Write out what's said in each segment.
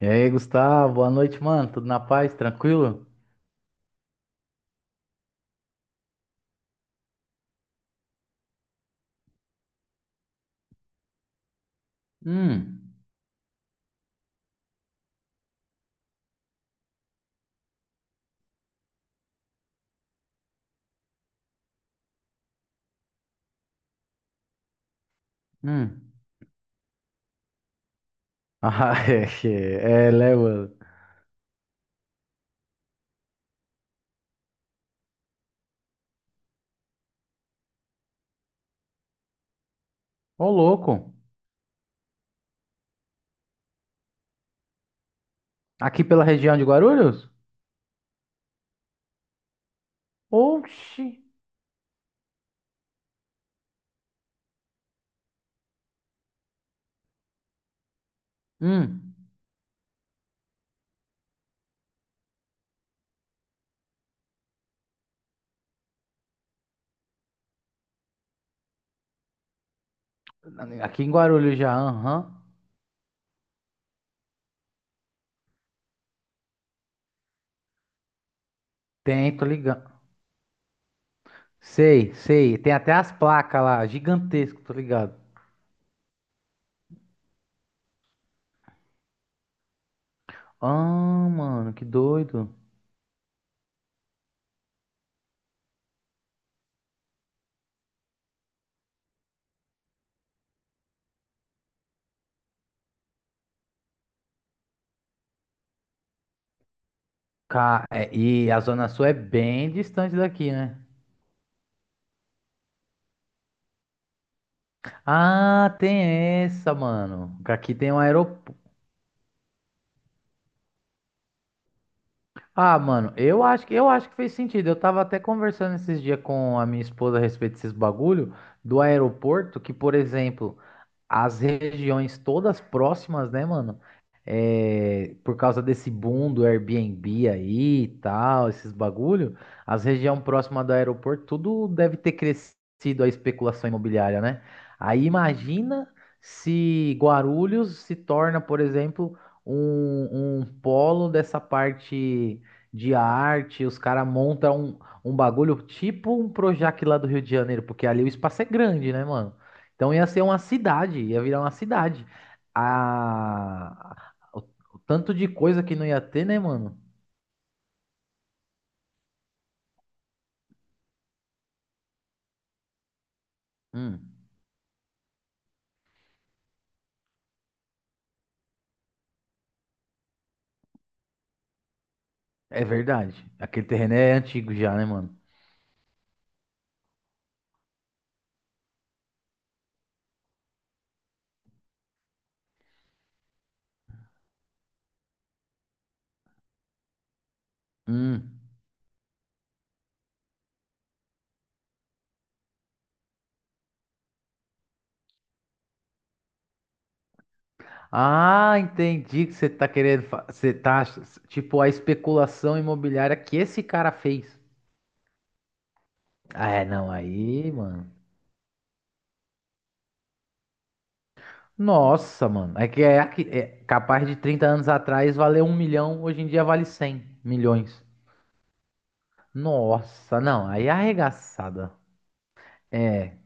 E aí, Gustavo, boa noite, mano. Tudo na paz, tranquilo? Hum, hum. Ah, é, né, mano? Ô, louco. Aqui pela região de Guarulhos? Oxi. Hum. Aqui em Guarulhos já, aham. Tem, tô ligado. Sei, sei. Tem até as placas lá, gigantesco, tô ligado. Ah, mano, que doido. É, e a Zona Sul é bem distante daqui, né? Ah, tem essa, mano. Aqui tem um aeroporto. Ah, mano, eu acho que fez sentido. Eu tava até conversando esses dias com a minha esposa a respeito desses bagulho do aeroporto, que, por exemplo, as regiões todas próximas, né, mano? É, por causa desse boom do Airbnb aí e tal, esses bagulho, as regiões próximas do aeroporto, tudo deve ter crescido a especulação imobiliária, né? Aí imagina se Guarulhos se torna, por exemplo, um polo dessa parte de arte, os caras montam um bagulho tipo um Projac lá do Rio de Janeiro, porque ali o espaço é grande, né, mano? Então ia ser uma cidade, ia virar uma cidade. A... O o tanto de coisa que não ia ter, né, mano? Hum, é verdade. Aquele terreno é antigo já, né, mano? Hum. Ah, entendi que você tá querendo. Você tá. Tipo, a especulação imobiliária que esse cara fez. Ah, é, não, aí, mano. Nossa, mano. É que é, é capaz de 30 anos atrás valer um milhão, hoje em dia vale 100 milhões. Nossa, não, aí é arregaçada. É.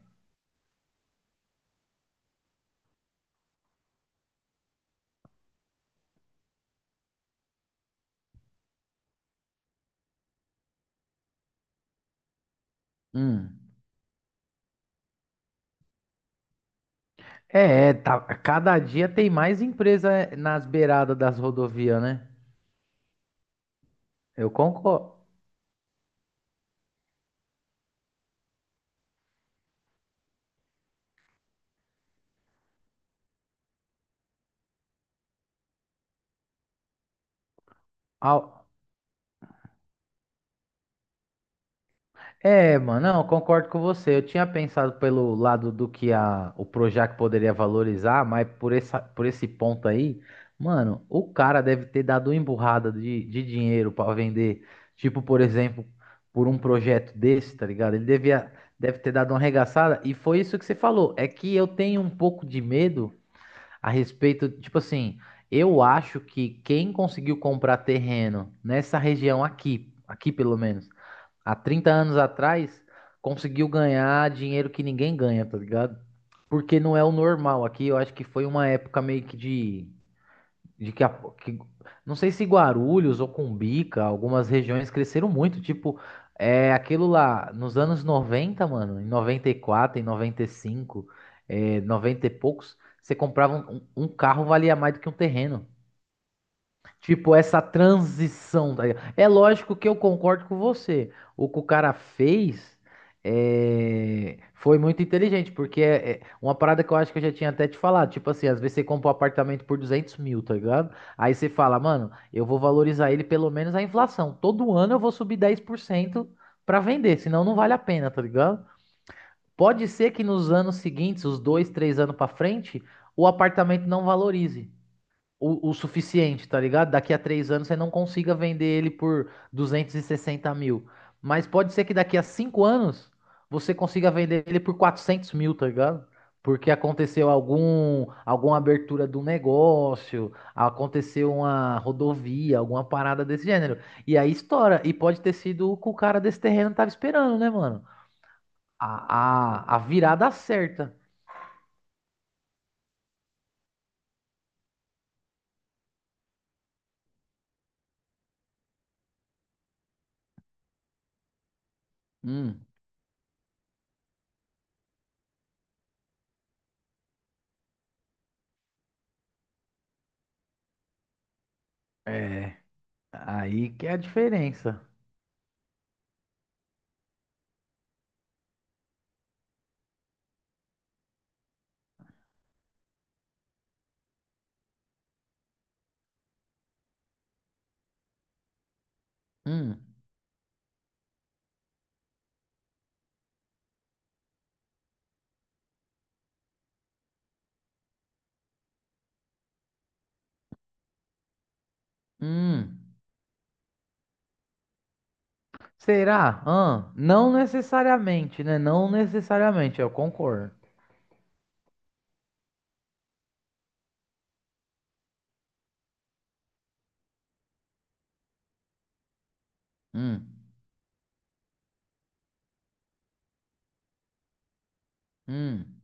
Hum. É, é, tá, cada dia tem mais empresa é, nas beiradas das rodovias, né? Eu concordo. Au- É, mano, não, eu concordo com você. Eu tinha pensado pelo lado do que a, o Projac poderia valorizar, mas por essa, por esse ponto aí, mano, o cara deve ter dado uma emburrada de dinheiro pra vender. Tipo, por exemplo, por um projeto desse, tá ligado? Ele devia, deve ter dado uma arregaçada. E foi isso que você falou. É que eu tenho um pouco de medo. A respeito, tipo assim, eu acho que quem conseguiu comprar terreno nessa região aqui, aqui pelo menos, há 30 anos atrás, conseguiu ganhar dinheiro que ninguém ganha, tá ligado? Porque não é o normal aqui, eu acho que foi uma época meio que de que, que- não sei se Guarulhos ou Cumbica, algumas regiões cresceram muito, tipo, é aquilo lá nos anos 90 mano, em 94, em 95, é, 90 e poucos, você comprava um, um carro valia mais do que um terreno. Tipo, essa transição, tá ligado? É lógico que eu concordo com você. O que o cara fez é, foi muito inteligente, porque é uma parada que eu acho que eu já tinha até te falado. Tipo assim, às vezes você compra um apartamento por 200 mil, tá ligado? Aí você fala, mano, eu vou valorizar ele pelo menos a inflação. Todo ano eu vou subir 10% pra vender, senão não vale a pena, tá ligado? Pode ser que nos anos seguintes, os dois, três anos pra frente, o apartamento não valorize o suficiente, tá ligado? Daqui a três anos você não consiga vender ele por 260 mil. Mas pode ser que daqui a cinco anos você consiga vender ele por 400 mil, tá ligado? Porque aconteceu algum, alguma abertura do negócio, aconteceu uma rodovia, alguma parada desse gênero. E aí estoura. E pode ter sido o que o cara desse terreno tava esperando, né, mano? A virada certa. Hum, é. Aí que é a diferença. Hum, hum. Será? Hã? Não necessariamente, né? Não necessariamente, eu concordo. Hum, hum,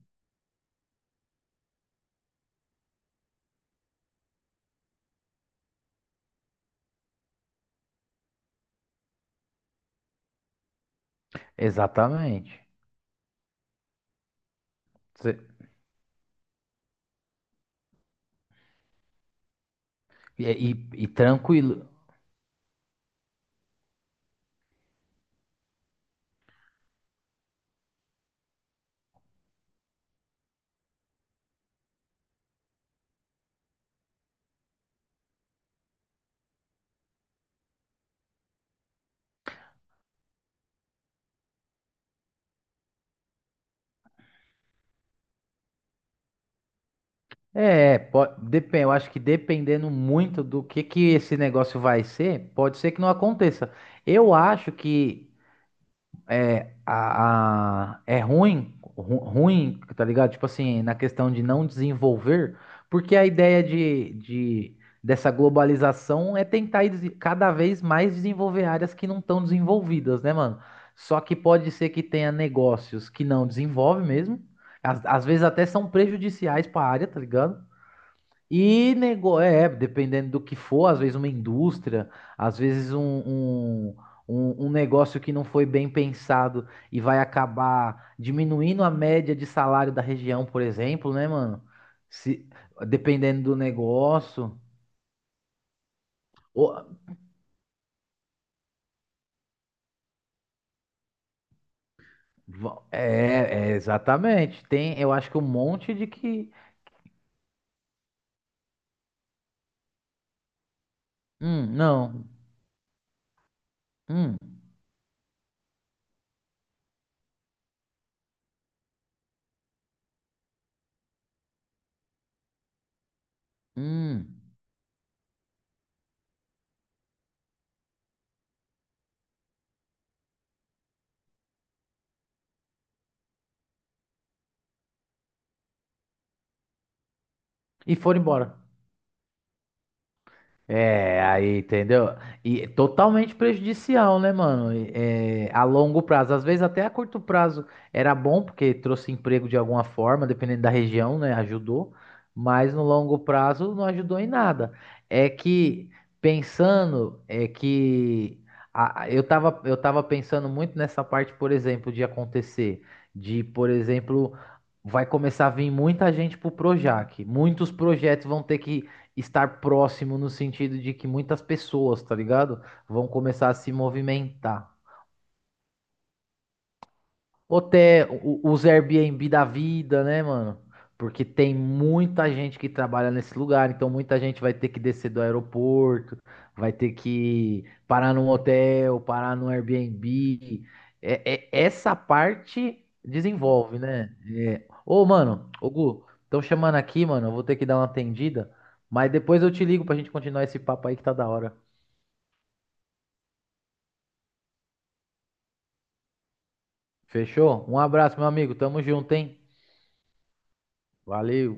exatamente. Cê- E, e tranquilo. É, pode, depende, eu acho que dependendo muito do que esse negócio vai ser, pode ser que não aconteça. Eu acho que é, a, é ruim, ruim, tá ligado? Tipo assim, na questão de não desenvolver, porque a ideia dessa globalização é tentar ir cada vez mais desenvolver áreas que não estão desenvolvidas, né, mano? Só que pode ser que tenha negócios que não desenvolve mesmo, às vezes até são prejudiciais para a área, tá ligado? E nego... é, dependendo do que for, às vezes uma indústria, às vezes um negócio que não foi bem pensado e vai acabar diminuindo a média de salário da região, por exemplo, né, mano? Se... Dependendo do negócio. Ou- É, é, exatamente. Tem, eu acho que um monte de que. Não. Hum, hum. E foram embora. É, aí, entendeu? E é totalmente prejudicial, né, mano? E, é, a longo prazo. Às vezes até a curto prazo era bom, porque trouxe emprego de alguma forma, dependendo da região, né? Ajudou. Mas no longo prazo não ajudou em nada. É que, pensando, é que eu tava pensando muito nessa parte, por exemplo, de acontecer. De, por exemplo, vai começar a vir muita gente pro Projac. Muitos projetos vão ter que estar próximo no sentido de que muitas pessoas, tá ligado? Vão começar a se movimentar. Até os Airbnb da vida, né, mano? Porque tem muita gente que trabalha nesse lugar, então muita gente vai ter que descer do aeroporto, vai ter que parar num hotel, parar num Airbnb. É, essa parte desenvolve, né? É. Ô, mano, ô Gu, estão chamando aqui, mano, eu vou ter que dar uma atendida. Mas depois eu te ligo pra gente continuar esse papo aí que tá da hora. Fechou? Um abraço, meu amigo. Tamo junto, hein? Valeu.